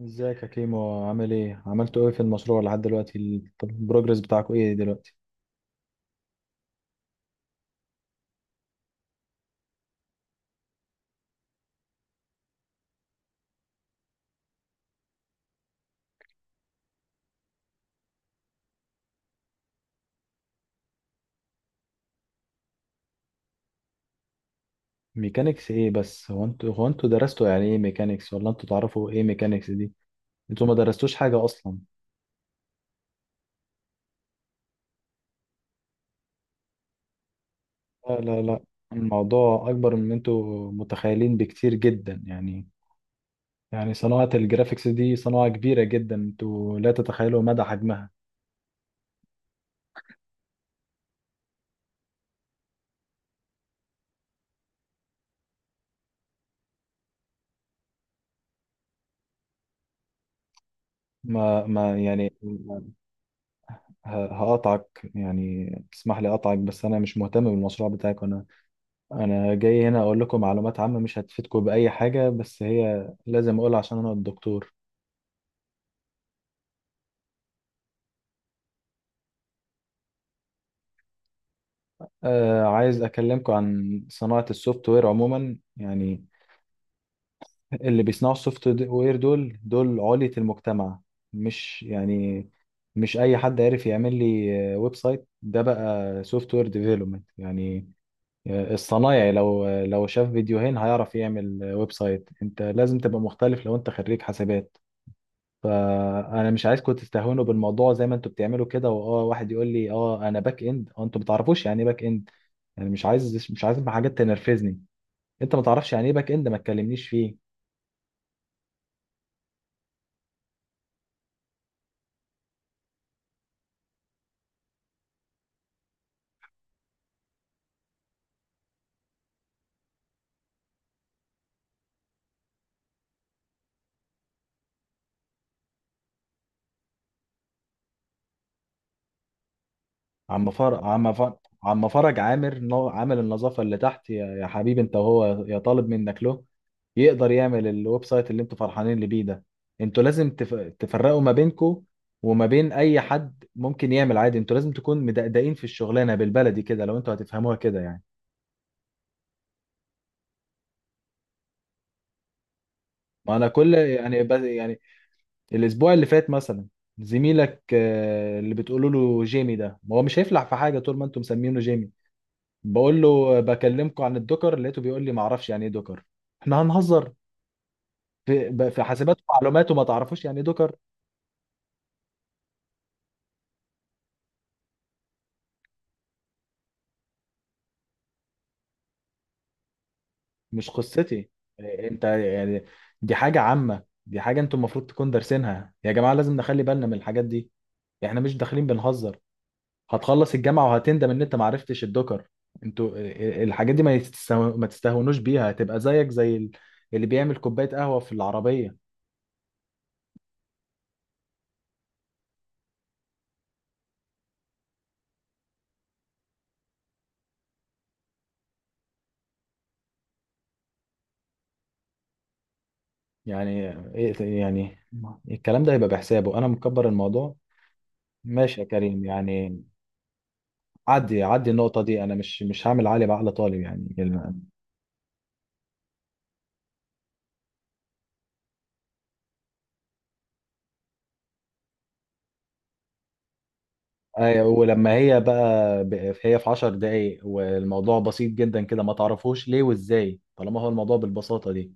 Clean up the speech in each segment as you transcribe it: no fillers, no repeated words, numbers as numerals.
ازيك يا كيمو؟ عامل ايه؟ عملتوا ايه في المشروع لحد دلوقتي طب البروجرس بتاعكم ايه دلوقتي؟ ميكانيكس ايه بس؟ هو انتوا درستوا يعني ايه ميكانيكس؟ ولا انتوا تعرفوا ايه ميكانيكس دي؟ انتوا ما درستوش حاجة اصلا. لا لا لا. الموضوع اكبر من انتوا متخيلين بكتير جدا يعني. يعني صناعة الجرافيكس دي صناعة كبيرة جدا، انتوا لا تتخيلوا مدى حجمها. ما يعني هقطعك يعني، تسمح لي اقطعك، بس انا مش مهتم بالمشروع بتاعك. انا جاي هنا اقول لكم معلومات عامة مش هتفيدكم بأي حاجة، بس هي لازم اقولها عشان انا الدكتور. آه، عايز اكلمكم عن صناعة السوفت وير عموما يعني. اللي بيصنعوا السوفت وير دول دول علية المجتمع، مش يعني مش اي حد عارف يعمل لي ويب سايت ده بقى سوفت وير ديفلوبمنت يعني. الصنايعي لو شاف فيديوهين هيعرف يعمل ويب سايت. انت لازم تبقى مختلف لو انت خريج حسابات. فانا مش عايزكم تستهونوا بالموضوع زي ما انتوا بتعملوا كده، واه واحد يقول لي اه انا باك اند اه، انتوا ما تعرفوش يعني ايه باك اند. يعني مش عايز حاجات تنرفزني. انت ما تعرفش يعني ايه باك اند، ما تكلمنيش فيه. عم فرج عم فرج عم فرج عامل النظافه اللي تحت، يا حبيبي، انت وهو يا طالب منك له يقدر يعمل الويب سايت اللي انتوا فرحانين اللي بيه ده. انتوا لازم تفرقوا ما بينكم وما بين اي حد ممكن يعمل عادي. انتوا لازم تكون مدقدقين في الشغلانه، بالبلدي كده لو انتوا هتفهموها كده يعني. ما انا كل يعني بس يعني الاسبوع اللي فات مثلا، زميلك اللي بتقولوا له جيمي ده ما هو مش هيفلح في حاجه طول ما انتم مسمينه جيمي. بقول له بكلمكم عن الدوكر، لقيته بيقول لي ما اعرفش يعني ايه دوكر. احنا هنهزر؟ في في حاسبات ومعلومات وما تعرفوش يعني ايه دوكر؟ مش قصتي. انت يعني دي حاجه عامه، دي حاجه انتم المفروض تكون دارسينها، يا جماعه لازم نخلي بالنا من الحاجات دي. احنا مش داخلين بنهزر. هتخلص الجامعة وهتندم ان انت معرفتش الدكر. انتوا الحاجات دي ما تستهونوش بيها، هتبقى زيك زي اللي بيعمل كوباية قهوة في العربية. يعني يعني الكلام ده هيبقى بحسابه، انا مكبر الموضوع؟ ماشي يا كريم يعني. عدي النقطة دي. انا مش هعمل علي بعقل طالب يعني ولما هي بقى هي في 10 دقايق والموضوع بسيط جدا كده، ما تعرفوش ليه وازاي طالما هو الموضوع بالبساطة دي؟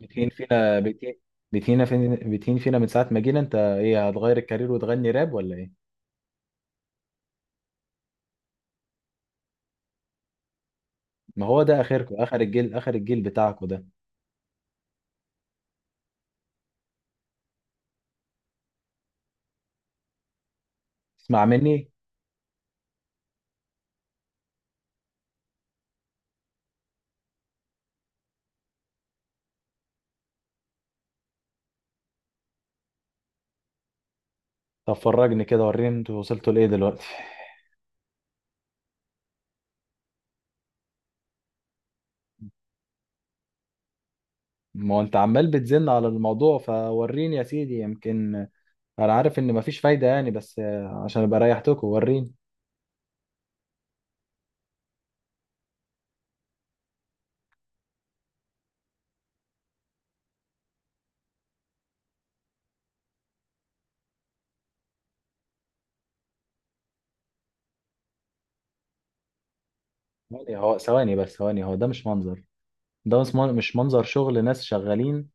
بتهين فينا بتهين بتهينا فين بتهين فينا من ساعة ما جينا؟ انت ايه، هتغير الكارير وتغني راب ولا ايه؟ ما هو ده اخركم، اخر الجيل اخر الجيل بتاعكم ده. اسمع مني. طب فرجني كده، وريني انتوا وصلتوا لايه دلوقتي. ما هو انت عمال بتزن على الموضوع، فوريني يا سيدي. يمكن انا عارف ان مفيش فايدة يعني، بس عشان ابقى ريحتكم وريني. ثواني هو ده مش منظر. ده مش منظر شغل ناس شغالين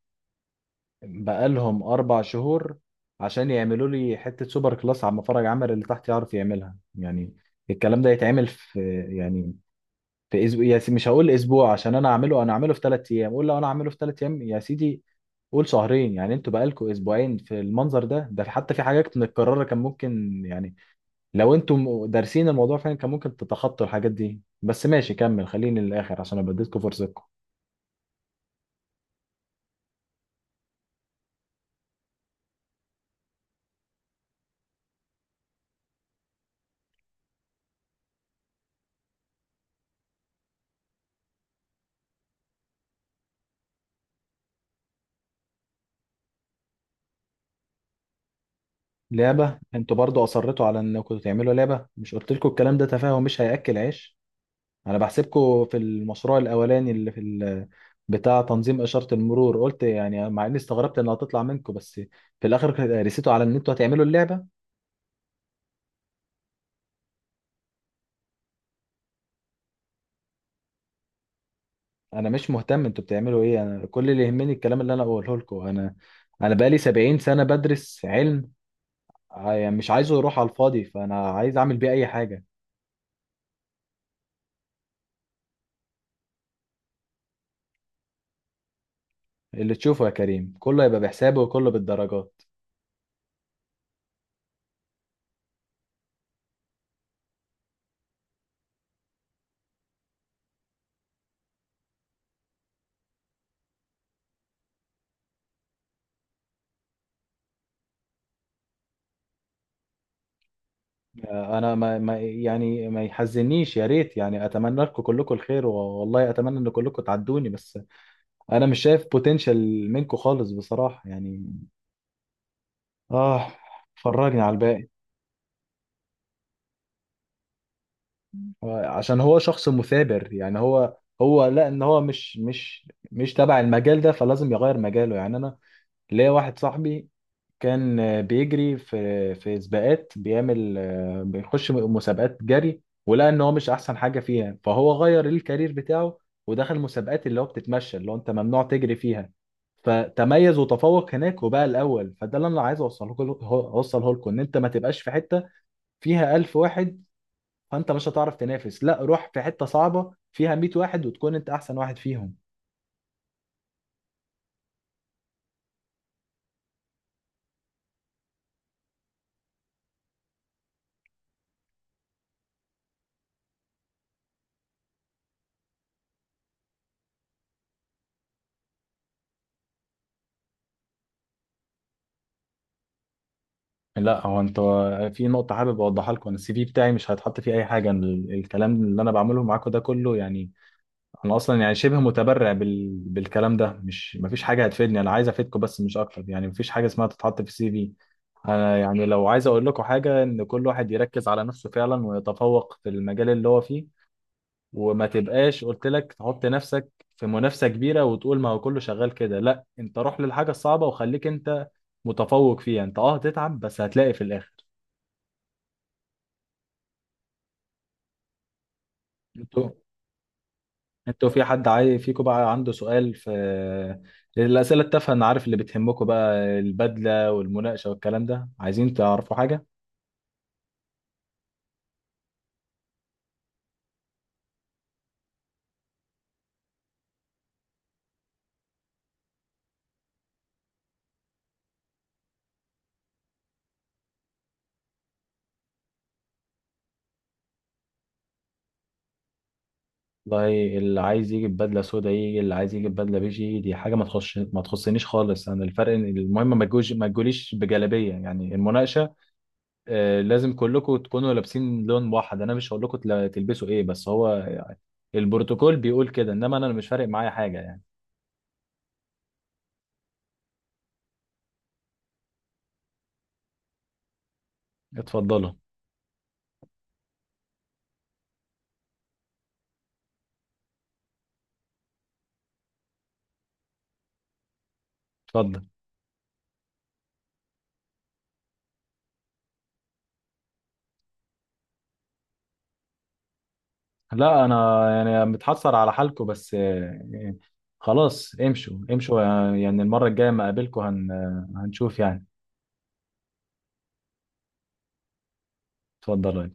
بقالهم 4 شهور عشان يعملوا لي حتة سوبر كلاس على مفرج عمل اللي تحت يعرف يعملها يعني. الكلام ده يتعمل في يعني في أسبوع يا سيدي. مش هقول أسبوع عشان أنا أعمله، أنا أعمله في 3 أيام. قول لو أنا أعمله في 3 أيام يا سيدي، قول شهرين، يعني انتوا بقالكوا اسبوعين في المنظر ده، ده حتى في حاجات متكررة كان ممكن يعني لو انتوا دارسين الموضوع فعلا كان ممكن تتخطوا الحاجات دي. بس ماشي، كمل خليني للآخر عشان أنا بديتكم فرصتكم. لعبة؟ انتوا برضو اصرتوا على انكم تعملوا لعبة؟ مش قلت لكم الكلام ده تفاهه مش هياكل عيش؟ انا بحسبكم في المشروع الاولاني اللي في بتاع تنظيم اشارة المرور، قلت يعني مع اني استغربت انها هتطلع منكم، بس في الاخر رسيتوا على ان انتوا هتعملوا اللعبة. انا مش مهتم انتوا بتعملوا ايه، انا كل اللي يهمني الكلام اللي انا اقوله لكم. انا انا بقالي 70 سنة بدرس علم، يعني مش عايزه يروح على الفاضي، فانا عايز اعمل بيه اي حاجة. اللي تشوفه يا كريم كله يبقى بحسابه وكله بالدرجات. انا ما يعني ما يحزنيش، يا ريت يعني اتمنى لكم كلكم الخير والله اتمنى ان كلكم تعدوني، بس انا مش شايف بوتنشال منكم خالص بصراحة يعني. اه. فرجني على الباقي. عشان هو شخص مثابر يعني. هو لا، ان هو مش تبع المجال ده فلازم يغير مجاله يعني. انا ليا واحد صاحبي، كان بيجري في سباقات، بيعمل بيخش مسابقات جري، ولقى ان هو مش احسن حاجه فيها فهو غير الكارير بتاعه، ودخل مسابقات اللي هو بتتمشى، اللي هو انت ممنوع تجري فيها. فتميز وتفوق هناك وبقى الاول. فده اللي انا عايز اوصله لكم، ان انت ما تبقاش في حته فيها 1000 واحد فانت مش هتعرف تنافس. لا، روح في حته صعبه فيها 100 واحد وتكون انت احسن واحد فيهم. لا هو انت، في نقطة حابب اوضحها لكم. انا السي في بتاعي مش هيتحط فيه اي حاجة. أنا الكلام اللي انا بعمله معاكم ده كله يعني، انا اصلا يعني شبه متبرع بالكلام ده، مش مفيش حاجة هتفيدني. انا عايز افيدكم بس، مش اكتر يعني. مفيش حاجة اسمها تتحط في السي في. انا يعني لو عايز اقول لكم حاجة، ان كل واحد يركز على نفسه فعلا ويتفوق في المجال اللي هو فيه. وما تبقاش قلت لك تحط نفسك في منافسة كبيرة وتقول ما هو كله شغال كده. لا انت روح للحاجة الصعبة وخليك انت متفوق فيها. انت اه هتتعب، بس هتلاقي في الاخر. انتوا انتوا في حد عايز فيكم بقى عنده سؤال في الأسئلة التافهة؟ انا عارف اللي بتهمكم بقى، البدلة والمناقشة والكلام ده. عايزين تعرفوا حاجة؟ والله اللي عايز يجي بدلة سودا يجي، اللي عايز يجي بدلة بيجي. دي حاجة ما تخش ما تخصنيش خالص، انا الفرق إن المهم ما تجوش ما تجوليش بجلابية يعني. المناقشة لازم كلكم تكونوا لابسين لون واحد. انا مش هقول لكم تلبسوا ايه، بس هو البروتوكول بيقول كده، انما انا مش فارق معايا حاجة يعني. اتفضلوا. اتفضل. لا انا يعني متحسر على حالكم، بس خلاص امشوا امشوا. يعني المره الجايه ما اقابلكم هنشوف يعني. اتفضل.